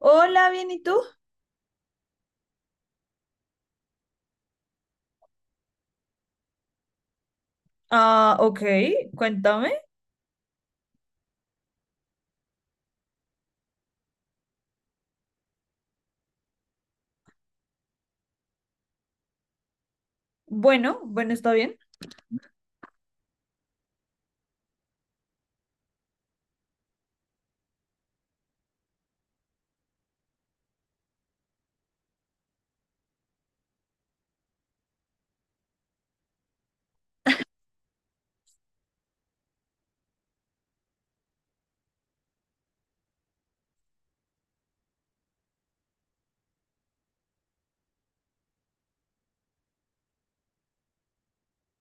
Hola, bien, ¿y tú? Ah, ok, cuéntame. Bueno, bueno, está bien.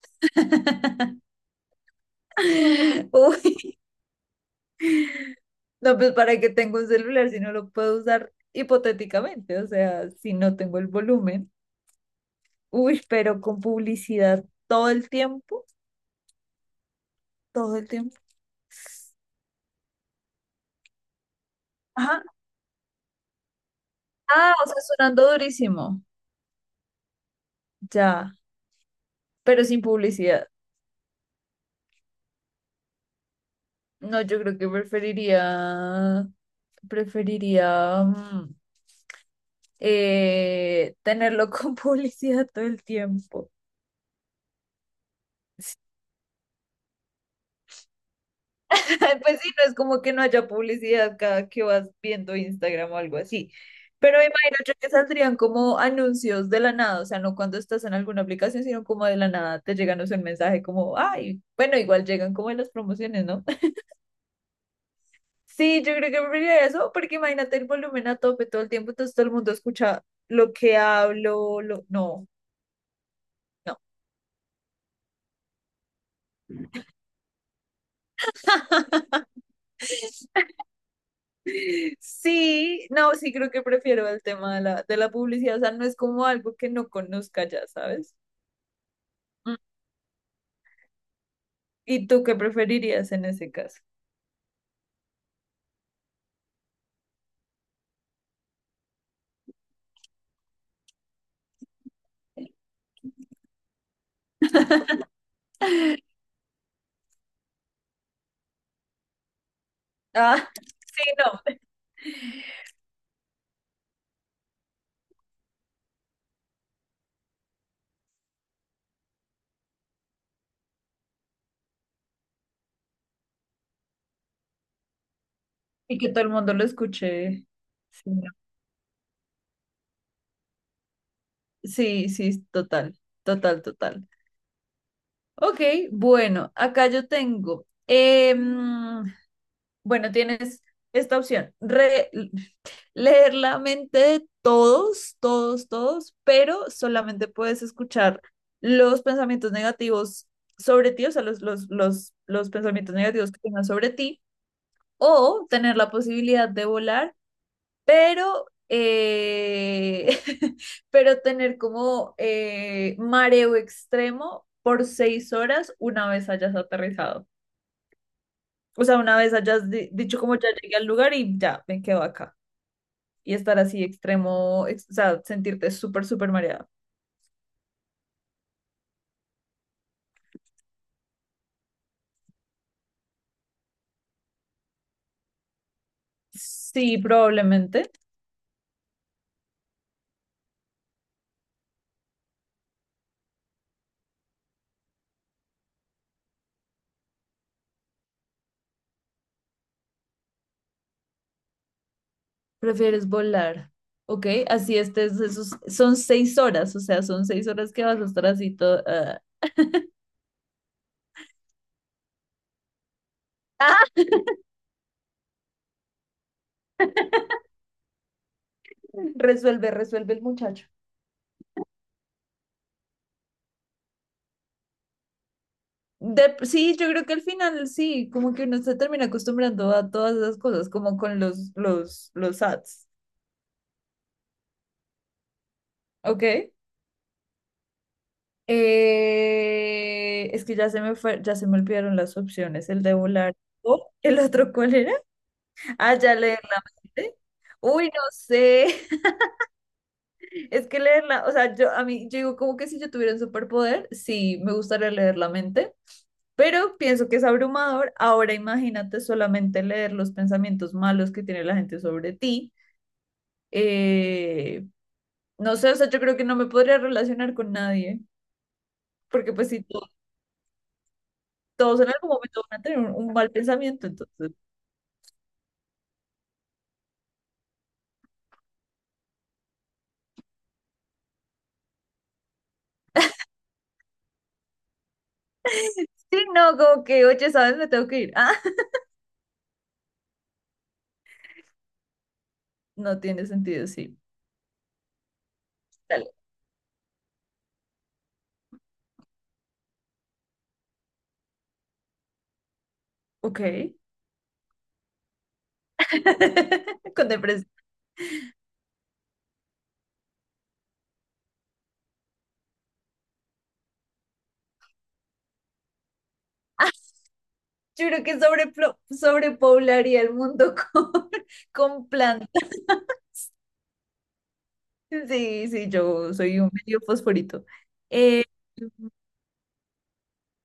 Uy, no, pues para qué tengo un celular si no lo puedo usar hipotéticamente, o sea, si no tengo el volumen. Uy, pero con publicidad todo el tiempo, todo el tiempo. Ajá. Ah, o sea, sonando durísimo. Ya, pero sin publicidad. No, yo creo que preferiría, preferiría, tenerlo con publicidad todo el tiempo. Pues sí, no es como que no haya publicidad cada que vas viendo Instagram o algo así. Pero me imagino yo que saldrían como anuncios de la nada, o sea, no cuando estás en alguna aplicación, sino como de la nada te llegan, o sea, un mensaje como, ay, bueno, igual llegan como en las promociones, ¿no? Sí, yo creo que preferiría eso, porque imagínate el volumen a tope todo el tiempo, entonces todo el mundo escucha lo que hablo, lo... No, no. Sí, no, sí creo que prefiero el tema de la publicidad, o sea, no es como algo que no conozca ya, ¿sabes? Mm. ¿Y tú qué preferirías en ese caso? Ah, sí, no. Y que todo el mundo lo escuche. Sí, no, sí, sí, total, total, total. Ok, bueno, acá yo tengo. Bueno, tienes esta opción, leer la mente de todos, todos, todos, pero solamente puedes escuchar los pensamientos negativos sobre ti, o sea, los pensamientos negativos que tengan sobre ti, o tener la posibilidad de volar, pero, pero tener como mareo extremo por 6 horas una vez hayas aterrizado. O sea, una vez hayas dicho como ya llegué al lugar y ya, me quedo acá. Y estar así extremo, o sea, sentirte súper, súper mareada. Sí, probablemente. Prefieres volar. Ok, así estés, esos, son 6 horas, o sea, son 6 horas que vas a estar así todo. Ah. Ah, resuelve, resuelve el muchacho. Sí, yo creo que al final sí, como que uno se termina acostumbrando a todas esas cosas, como con los ads. Ok. Es que ya se me fue, ya se me olvidaron las opciones. El de volar, o ¿el otro cuál era? Ah, ya, leer la mente. Uy, no sé. Es que leerla, o sea, yo digo como que si yo tuviera un superpoder, sí, me gustaría leer la mente, pero pienso que es abrumador. Ahora imagínate solamente leer los pensamientos malos que tiene la gente sobre ti. Eh, no sé, o sea, yo creo que no me podría relacionar con nadie, porque pues sí. Todos en algún momento van a tener un mal pensamiento, entonces. Sí, no, como que, oye, ¿sabes? Me tengo que ir. Ah, no tiene sentido, sí. Dale. Ok. Con depresión. Ah, yo creo que sobrepoblaría el mundo con, con plantas. Sí, sí, yo soy un medio fosforito. Eh, mm,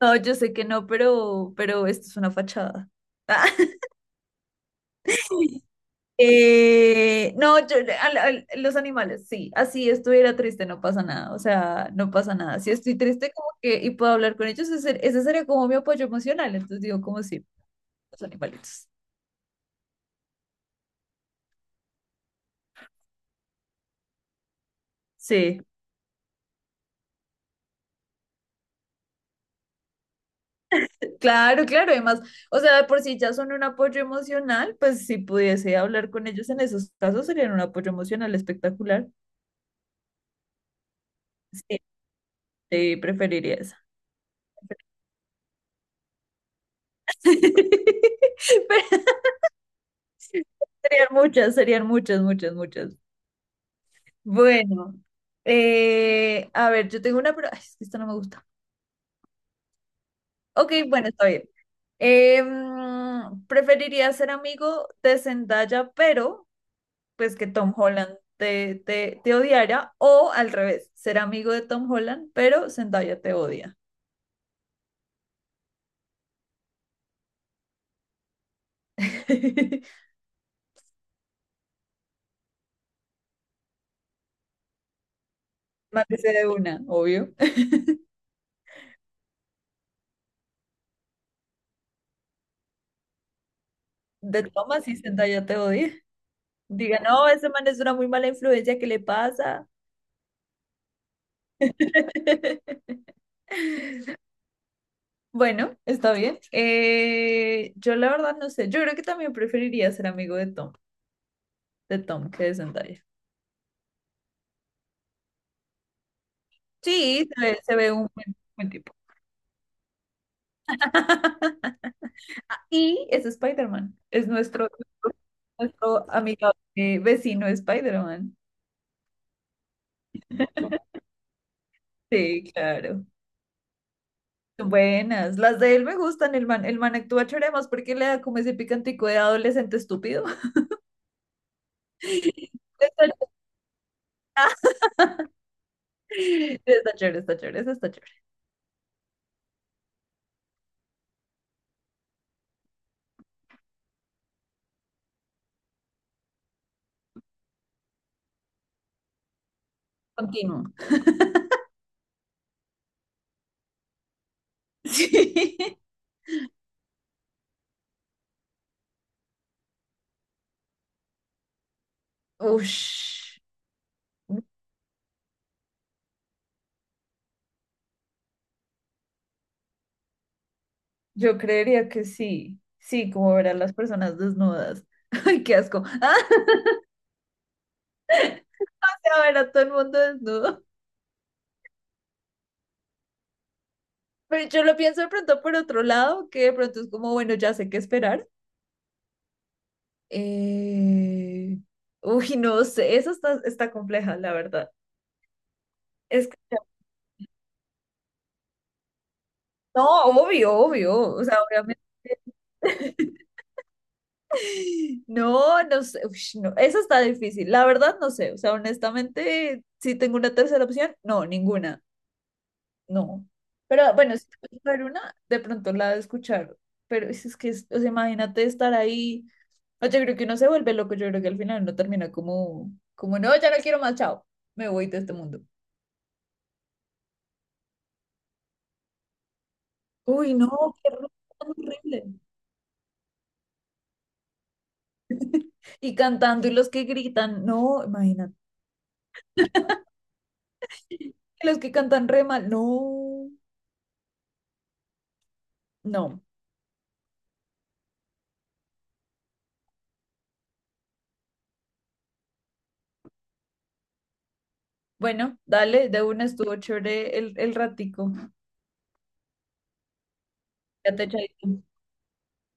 no, yo sé que no, pero esto es una fachada. Ah. No, los animales, sí, así estuviera triste, no pasa nada, o sea, no pasa nada. Si estoy triste como que y puedo hablar con ellos, ese sería como mi apoyo emocional, entonces digo como sí, los animalitos. Sí, claro, claro, además, o sea, de por si ya son un apoyo emocional, pues si pudiese hablar con ellos en esos casos serían un apoyo emocional espectacular. Sí, sí, preferiría eso. Pero serían muchas, muchas, muchas. Bueno, a ver, yo tengo una, pero ay, es que esto no me gusta. Ok, bueno, está bien. Mm, preferiría ser amigo de Zendaya, pero pues que Tom Holland te odiara, o al revés, ser amigo de Tom Holland, pero Zendaya te odia. Mátese de una, obvio. De Thomas y Zendaya te odia. Diga, no, ese man es una muy mala influencia, ¿qué le pasa? Bueno, está bien. Yo la verdad no sé. Yo creo que también preferiría ser amigo de Tom que de Zendaya. Sí, se ve un buen, buen tipo. Ah, y es Spider-Man. Es nuestro, nuestro amigo, vecino Spider-Man. Sí, claro. Son buenas. Las de él me gustan. El man actúa chévere más porque le da como ese picantico de adolescente estúpido. Está, está chévere, eso está chévere. Continúo. Sí. Ush, yo creería que sí. Sí, como ver a las personas desnudas. Ay, qué asco. Ah, a ver a todo el mundo desnudo. Pero yo lo pienso de pronto por otro lado, que de pronto es como, bueno, ya sé qué esperar. Eh... Uy, no sé, eso está, está compleja, la verdad. Es que, no, obvio, obvio. O sea, obviamente. No, no sé, ush, no, eso está difícil. La verdad, no sé. O sea, honestamente, si tengo una tercera opción, no, ninguna. No. Pero bueno, si te puedes ver una, de pronto la de escuchar. Pero o sea, imagínate estar ahí. No, yo creo que uno se vuelve loco. Yo creo que al final no termina como, como, no, ya no quiero más, chao. Me voy de este mundo. Uy, no, qué tan horrible. Y cantando y los que gritan, no, imagínate. Y los que cantan re mal, no, no. Bueno, dale, de una estuvo chévere el ratico. Ya te echaste.